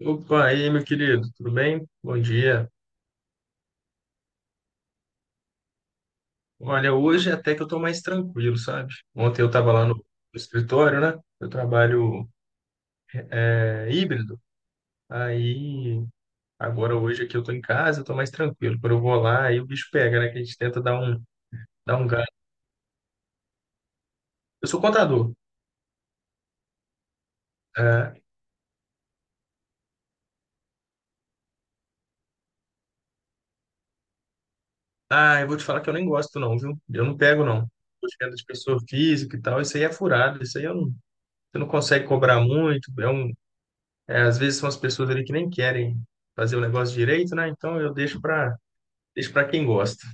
Opa, e aí, meu querido, tudo bem? Bom dia. Olha, hoje até que eu tô mais tranquilo, sabe? Ontem eu tava lá no escritório, né? Eu trabalho é, híbrido, aí agora hoje aqui eu tô em casa, eu tô mais tranquilo. Quando eu vou lá, aí o bicho pega, né? Que a gente tenta dar um gás. Eu sou contador. É. Ah, eu vou te falar que eu nem gosto não, viu? Eu não pego não. Tô venda de pessoa física e tal, isso aí é furado, isso aí eu não, você não consegue cobrar muito, é um. É, às vezes são as pessoas ali que nem querem fazer o negócio direito, né? Então eu deixo para quem gosta.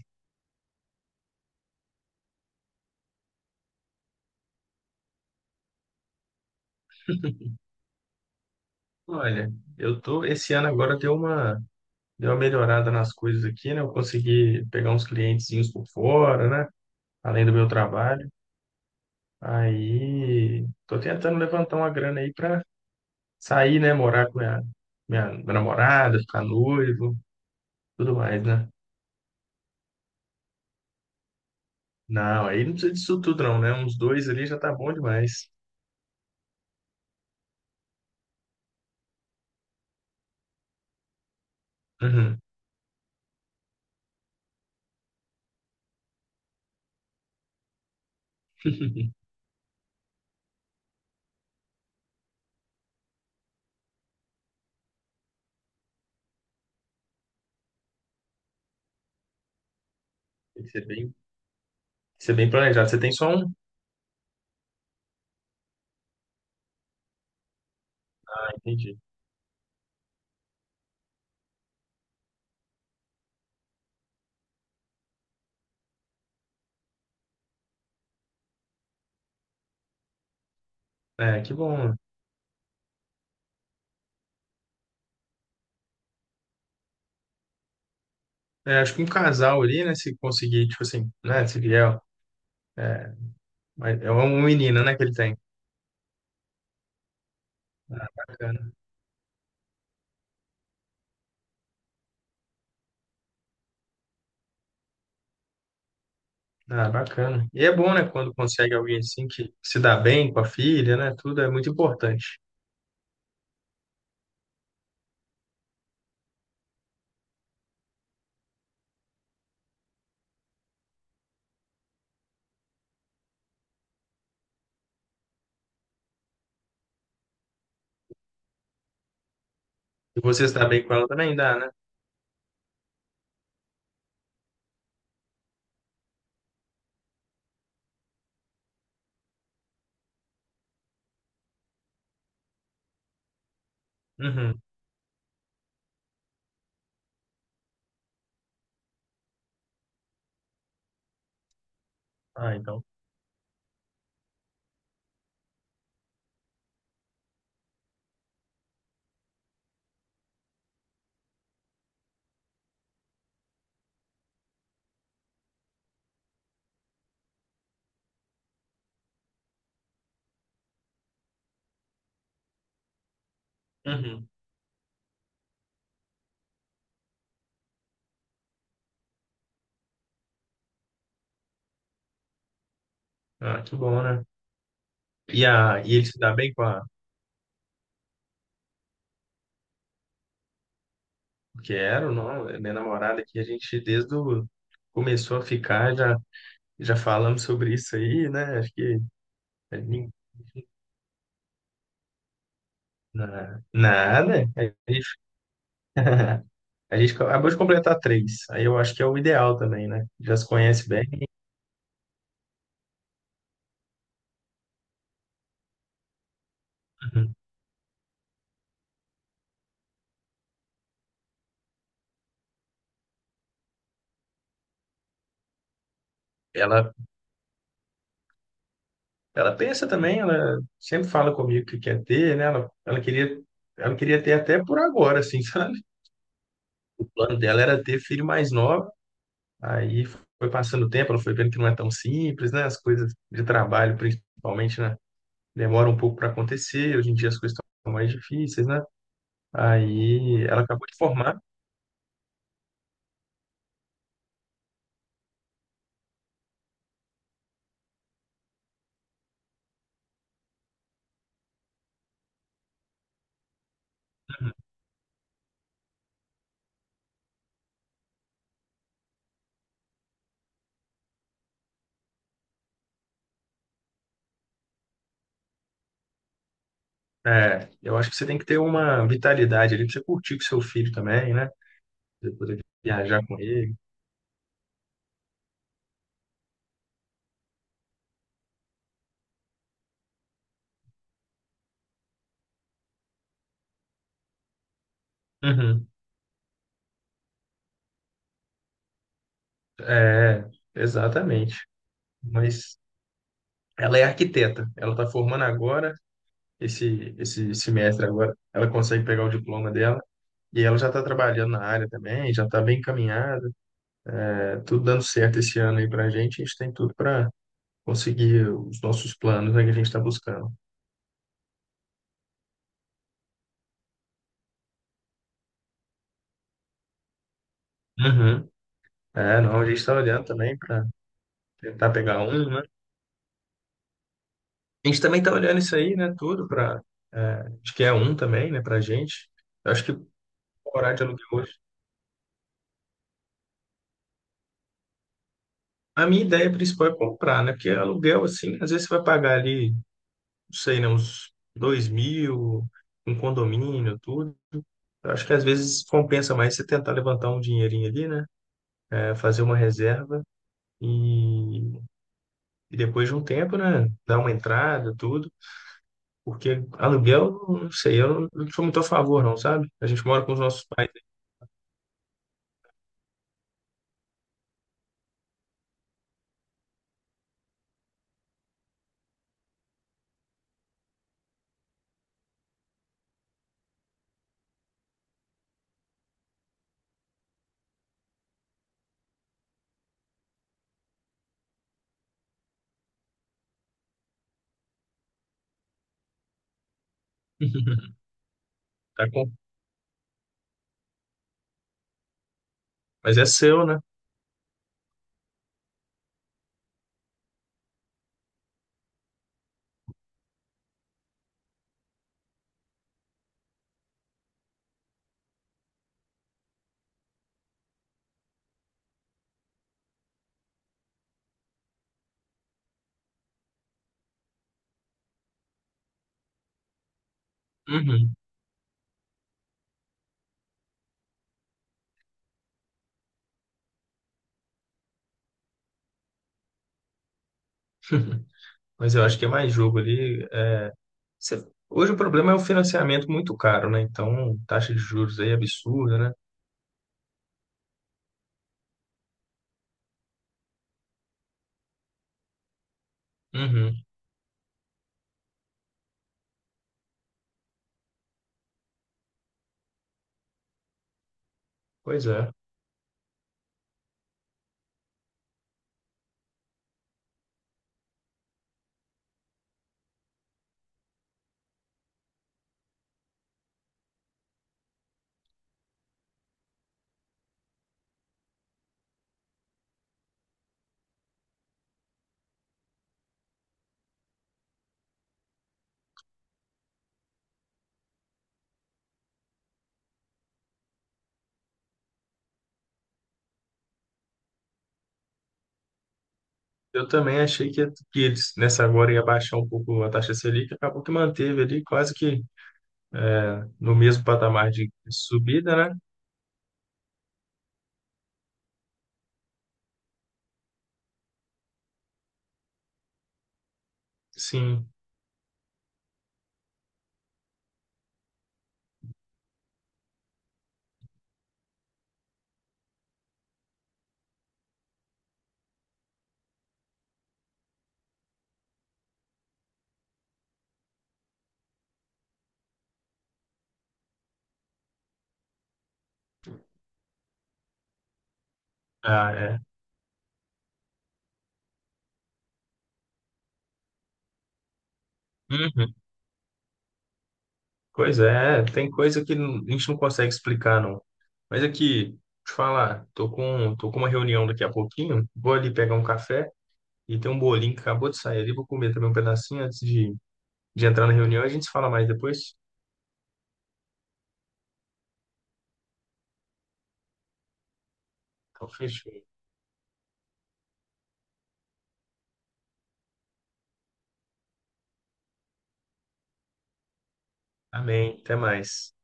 Olha, eu tô esse ano agora deu uma melhorada nas coisas aqui, né? Eu consegui pegar uns clientezinhos por fora, né? Além do meu trabalho. Aí tô tentando levantar uma grana aí para sair, né? Morar com minha namorada, ficar noivo, tudo mais, né? Não, aí não precisa disso tudo não, né? Uns dois ali já tá bom demais. Uhum. Tem que ser bem, tem que ser bem planejado. Você tem só um. Entendi. É, que bom, né? É, acho que um casal ali, né, se conseguir, tipo assim, né, se vier, é, mas é um menino, né, que ele tem. Bacana. Ah, bacana. E é bom, né, quando consegue alguém assim que se dá bem com a filha, né, tudo é muito importante. E você se dá bem com ela também dá, né? Uhum. Ah, então. Uhum. Ah, que bom, né? E, a, e ele se dá bem com a... Porque era, não, é minha namorada que a gente desde o... começou a ficar, já, já falamos sobre isso aí, né, acho que... a gente. Na- Nada. A gente, a gente acabou de completar três. Aí eu acho que é o ideal também, né? Já se conhece bem. Uhum. Ela, ela pensa também, ela sempre fala comigo que quer ter, né? Ela queria, ela queria ter até por agora, assim, sabe? O plano dela era ter filho mais nova. Aí foi passando o tempo, ela foi vendo que não é tão simples, né? As coisas de trabalho, principalmente, né? Demoram um pouco para acontecer. Hoje em dia as coisas estão mais difíceis, né? Aí ela acabou de formar. É, eu acho que você tem que ter uma vitalidade ali pra você curtir com seu filho também, né? Você poder viajar com ele. Uhum. É, exatamente. Mas ela é arquiteta. Ela está formando agora, esse semestre agora. Ela consegue pegar o diploma dela. E ela já está trabalhando na área também, já está bem encaminhada. É, tudo dando certo esse ano aí para a gente. A gente tem tudo para conseguir os nossos planos, né, que a gente está buscando. Uhum. É, não, a gente está olhando também para tentar pegar um, né? A gente também tá olhando isso aí, né? Tudo para. Acho que é um também, né? Pra gente. Eu acho que morar de aluguel hoje. A minha ideia principal é comprar, né? Porque aluguel, assim, às vezes você vai pagar ali, não sei, né? Uns 2 mil, um condomínio, tudo. Eu acho que às vezes compensa mais você tentar levantar um dinheirinho ali, né? É, fazer uma reserva e, e depois de um tempo, né? Dar uma entrada, tudo. Porque aluguel, não sei, eu não, não sou muito a favor, não, sabe? A gente mora com os nossos pais. Tá. Mas é seu, né? Uhum. Mas eu acho que é mais jogo ali. É, você- hoje o problema é o financiamento muito caro, né? Então, taxa de juros aí é absurda, né? Uhum. Pois é. Eu também achei que eles, nessa agora, ia baixar um pouco a taxa Selic, acabou que manteve ali quase que no mesmo patamar de subida, né? Sim. Ah, é. Uhum. Pois é, tem coisa que não- a gente não consegue explicar, não. Mas aqui, deixa eu te falar, tô com uma reunião daqui a pouquinho, vou ali pegar um café. E tem um bolinho que acabou de sair ali. Vou comer também um pedacinho antes de entrar na reunião. A gente se fala mais depois. Então, fechou. Amém. Até mais.